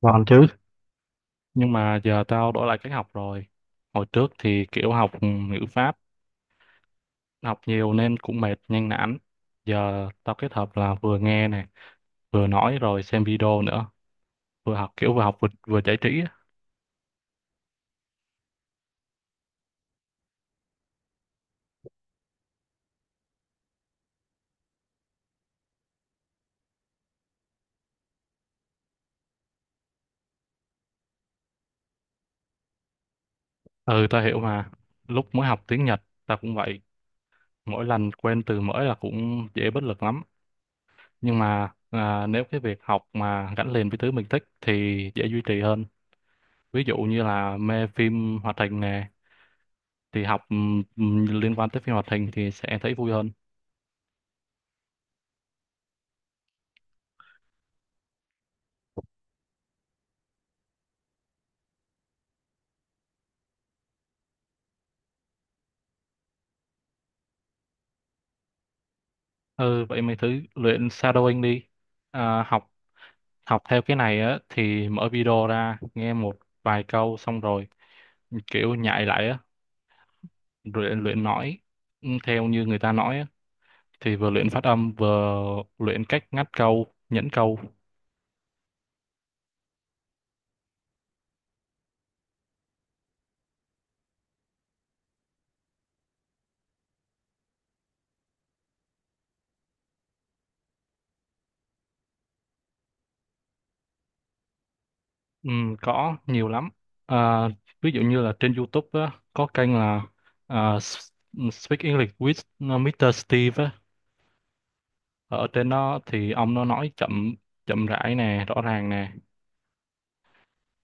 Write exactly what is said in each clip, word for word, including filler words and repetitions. Còn chứ, nhưng mà giờ tao đổi lại cách học rồi. Hồi trước thì kiểu học ngữ pháp, học nhiều nên cũng mệt, nhanh nản. Giờ tao kết hợp là vừa nghe này, vừa nói rồi xem video nữa. Vừa học kiểu vừa học vừa, vừa giải trí á. Ừ, tao hiểu mà. Lúc mới học tiếng Nhật, tao cũng vậy. Mỗi lần quen từ mới là cũng dễ bất lực lắm. Nhưng mà à, nếu cái việc học mà gắn liền với thứ mình thích thì dễ duy trì hơn. Ví dụ như là mê phim hoạt hình nè, thì học ừm, ừm, liên quan tới phim hoạt hình thì sẽ thấy vui hơn. Ừ, vậy mày thử luyện shadowing đi. À, học học theo cái này á thì mở video ra nghe một vài câu xong rồi kiểu nhại lại á, luyện luyện nói ừm, theo như người ta nói á, thì vừa luyện phát âm vừa luyện cách ngắt câu nhẫn câu. Ừm, có nhiều lắm, à, ví dụ như là trên YouTube á, có kênh là à, S- Speak English with mít tơ Steve á. Ở trên đó thì ông nó nói chậm chậm rãi nè, rõ ràng nè,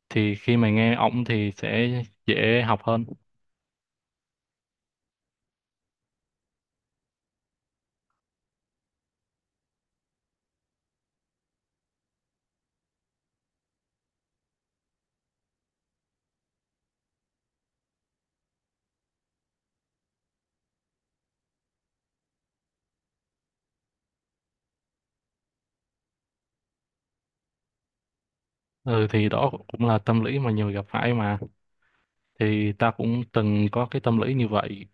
thì khi mà nghe ổng thì sẽ dễ học hơn. Ừ, thì đó cũng là tâm lý mà nhiều người gặp phải mà, thì ta cũng từng có cái tâm lý như vậy.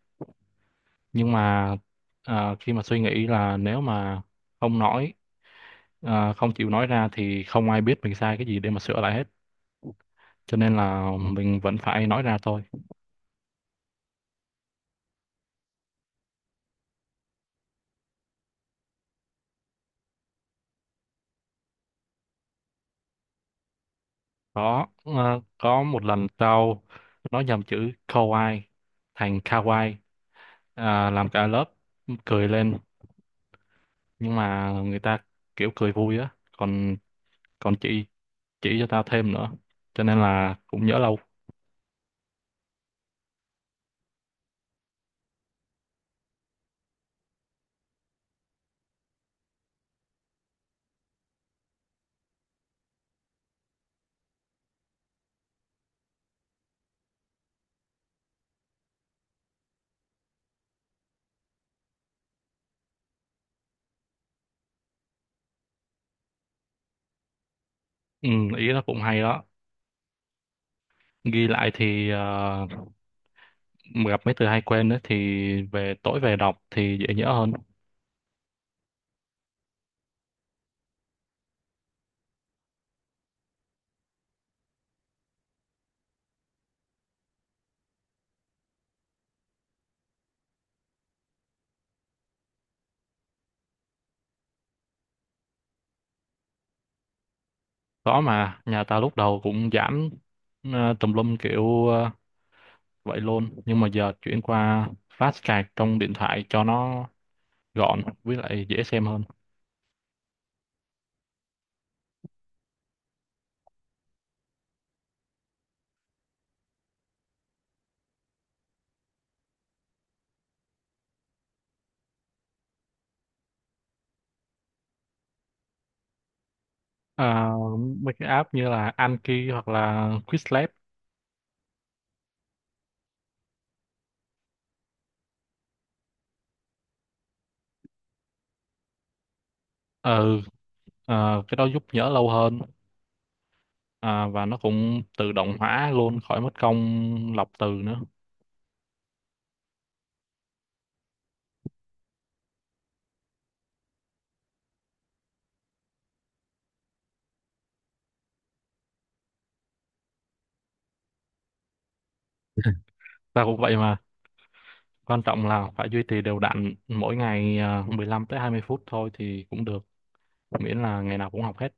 Nhưng mà à, khi mà suy nghĩ là nếu mà không nói à, không chịu nói ra thì không ai biết mình sai cái gì để mà sửa lại hết, cho nên là mình vẫn phải nói ra thôi. Có ờ, có một lần tao nó nhầm chữ kawaii thành kawaii à, làm cả lớp cười lên, nhưng mà người ta kiểu cười vui á, còn còn chị chỉ cho tao thêm nữa, cho nên là cũng nhớ lâu. Ừ, ý nó cũng hay đó. Ghi lại thì ờ, gặp mấy từ hay quên đấy thì về tối về đọc thì dễ nhớ hơn. Có mà, nhà tao lúc đầu cũng giảm ờ, tùm lum kiểu ờ, vậy luôn, nhưng mà giờ chuyển qua fast card trong điện thoại cho nó gọn với lại dễ xem hơn. à, Mấy cái app như là Anki hoặc là Quizlet. Ừ. Ờ, cái đó giúp nhớ lâu hơn, à, và nó cũng tự động hóa luôn khỏi mất công lọc từ nữa. Ta cũng vậy mà, quan trọng là phải duy trì đều đặn mỗi ngày, à, mười lăm tới hai mươi phút thôi thì cũng được, miễn là ngày nào cũng học hết.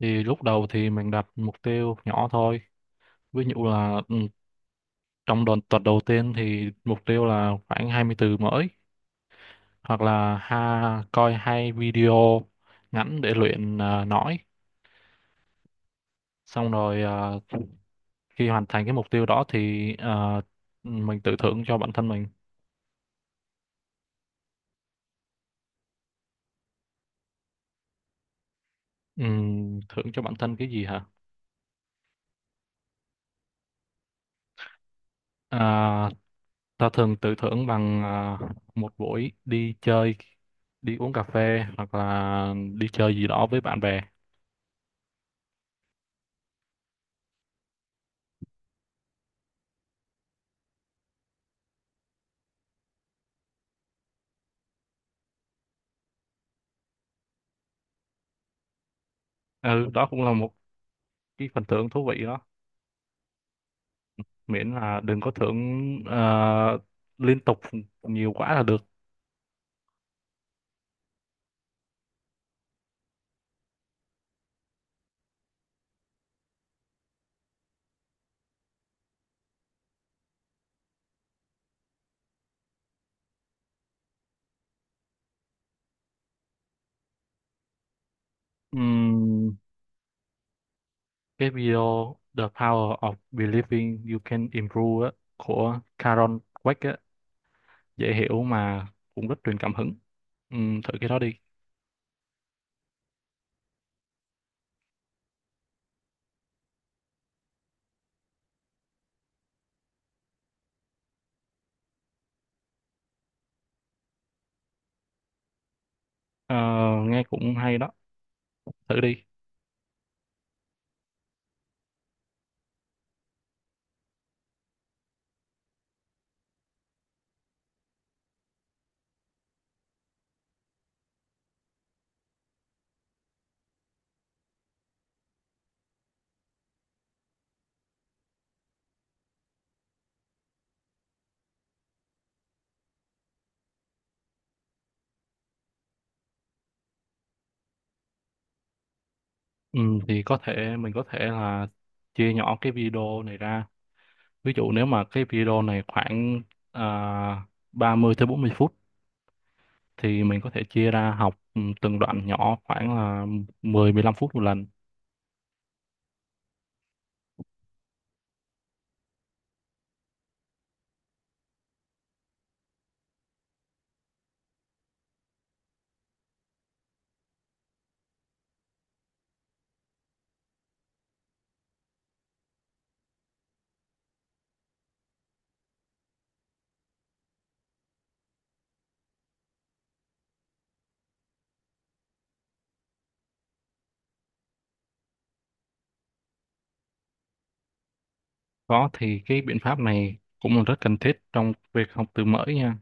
Thì lúc đầu thì mình đặt mục tiêu nhỏ thôi, ví dụ là ừ, trong đợt tuần đầu tiên thì mục tiêu là khoảng hai mươi từ mới, hoặc là ha coi hai video ngắn để luyện à, nói. Xong rồi à, khi hoàn thành cái mục tiêu đó thì à, mình tự thưởng cho bản thân mình. Ừm, thưởng cho bản thân cái gì hả? à, Ta thường tự thưởng bằng à, một buổi đi chơi, đi uống cà phê, hoặc là đi chơi gì đó với bạn bè. Ừ, đó cũng là một cái phần thưởng thú vị, miễn là đừng có thưởng ờ, liên tục nhiều quá là được. Ừm, cái video The Power of Believing You Can Improve á, của Karen Dweck á, dễ hiểu mà cũng rất truyền cảm hứng. Ừm, thử cái đó đi. Ờ, nghe cũng hay đó, thử đi. Ừm, thì có thể mình có thể là chia nhỏ cái video này ra. Ví dụ nếu mà cái video này khoảng uh, ba mươi tới bốn mươi phút thì mình có thể chia ra học ừ, từng đoạn nhỏ khoảng là mười tới mười lăm phút một lần. Đó thì cái biện pháp này cũng là rất cần thiết trong việc học từ mới nha.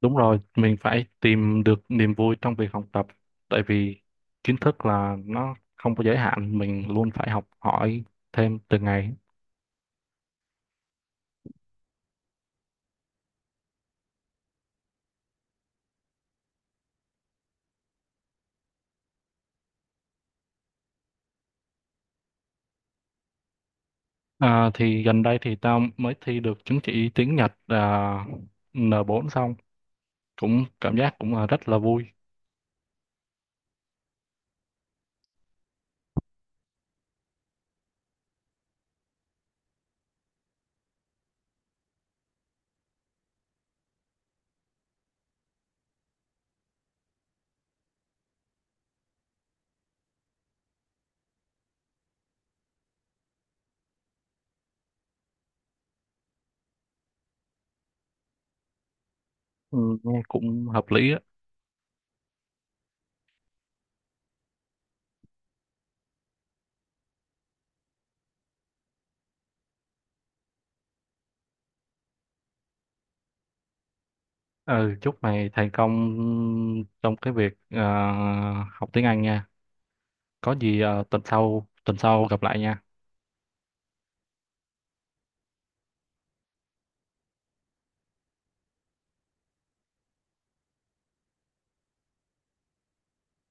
Đúng rồi, mình phải tìm được niềm vui trong việc học tập, tại vì kiến thức là nó không có giới hạn, mình luôn phải học hỏi thêm từng ngày. À, thì gần đây thì tao mới thi được chứng chỉ tiếng Nhật, à, en bốn xong cũng cảm giác cũng là rất là vui. Ừ, nghe cũng hợp lý á. Ừ, chúc mày thành công trong cái việc ờ, học tiếng Anh nha. Có gì ờ, tuần sau tuần sau gặp lại nha.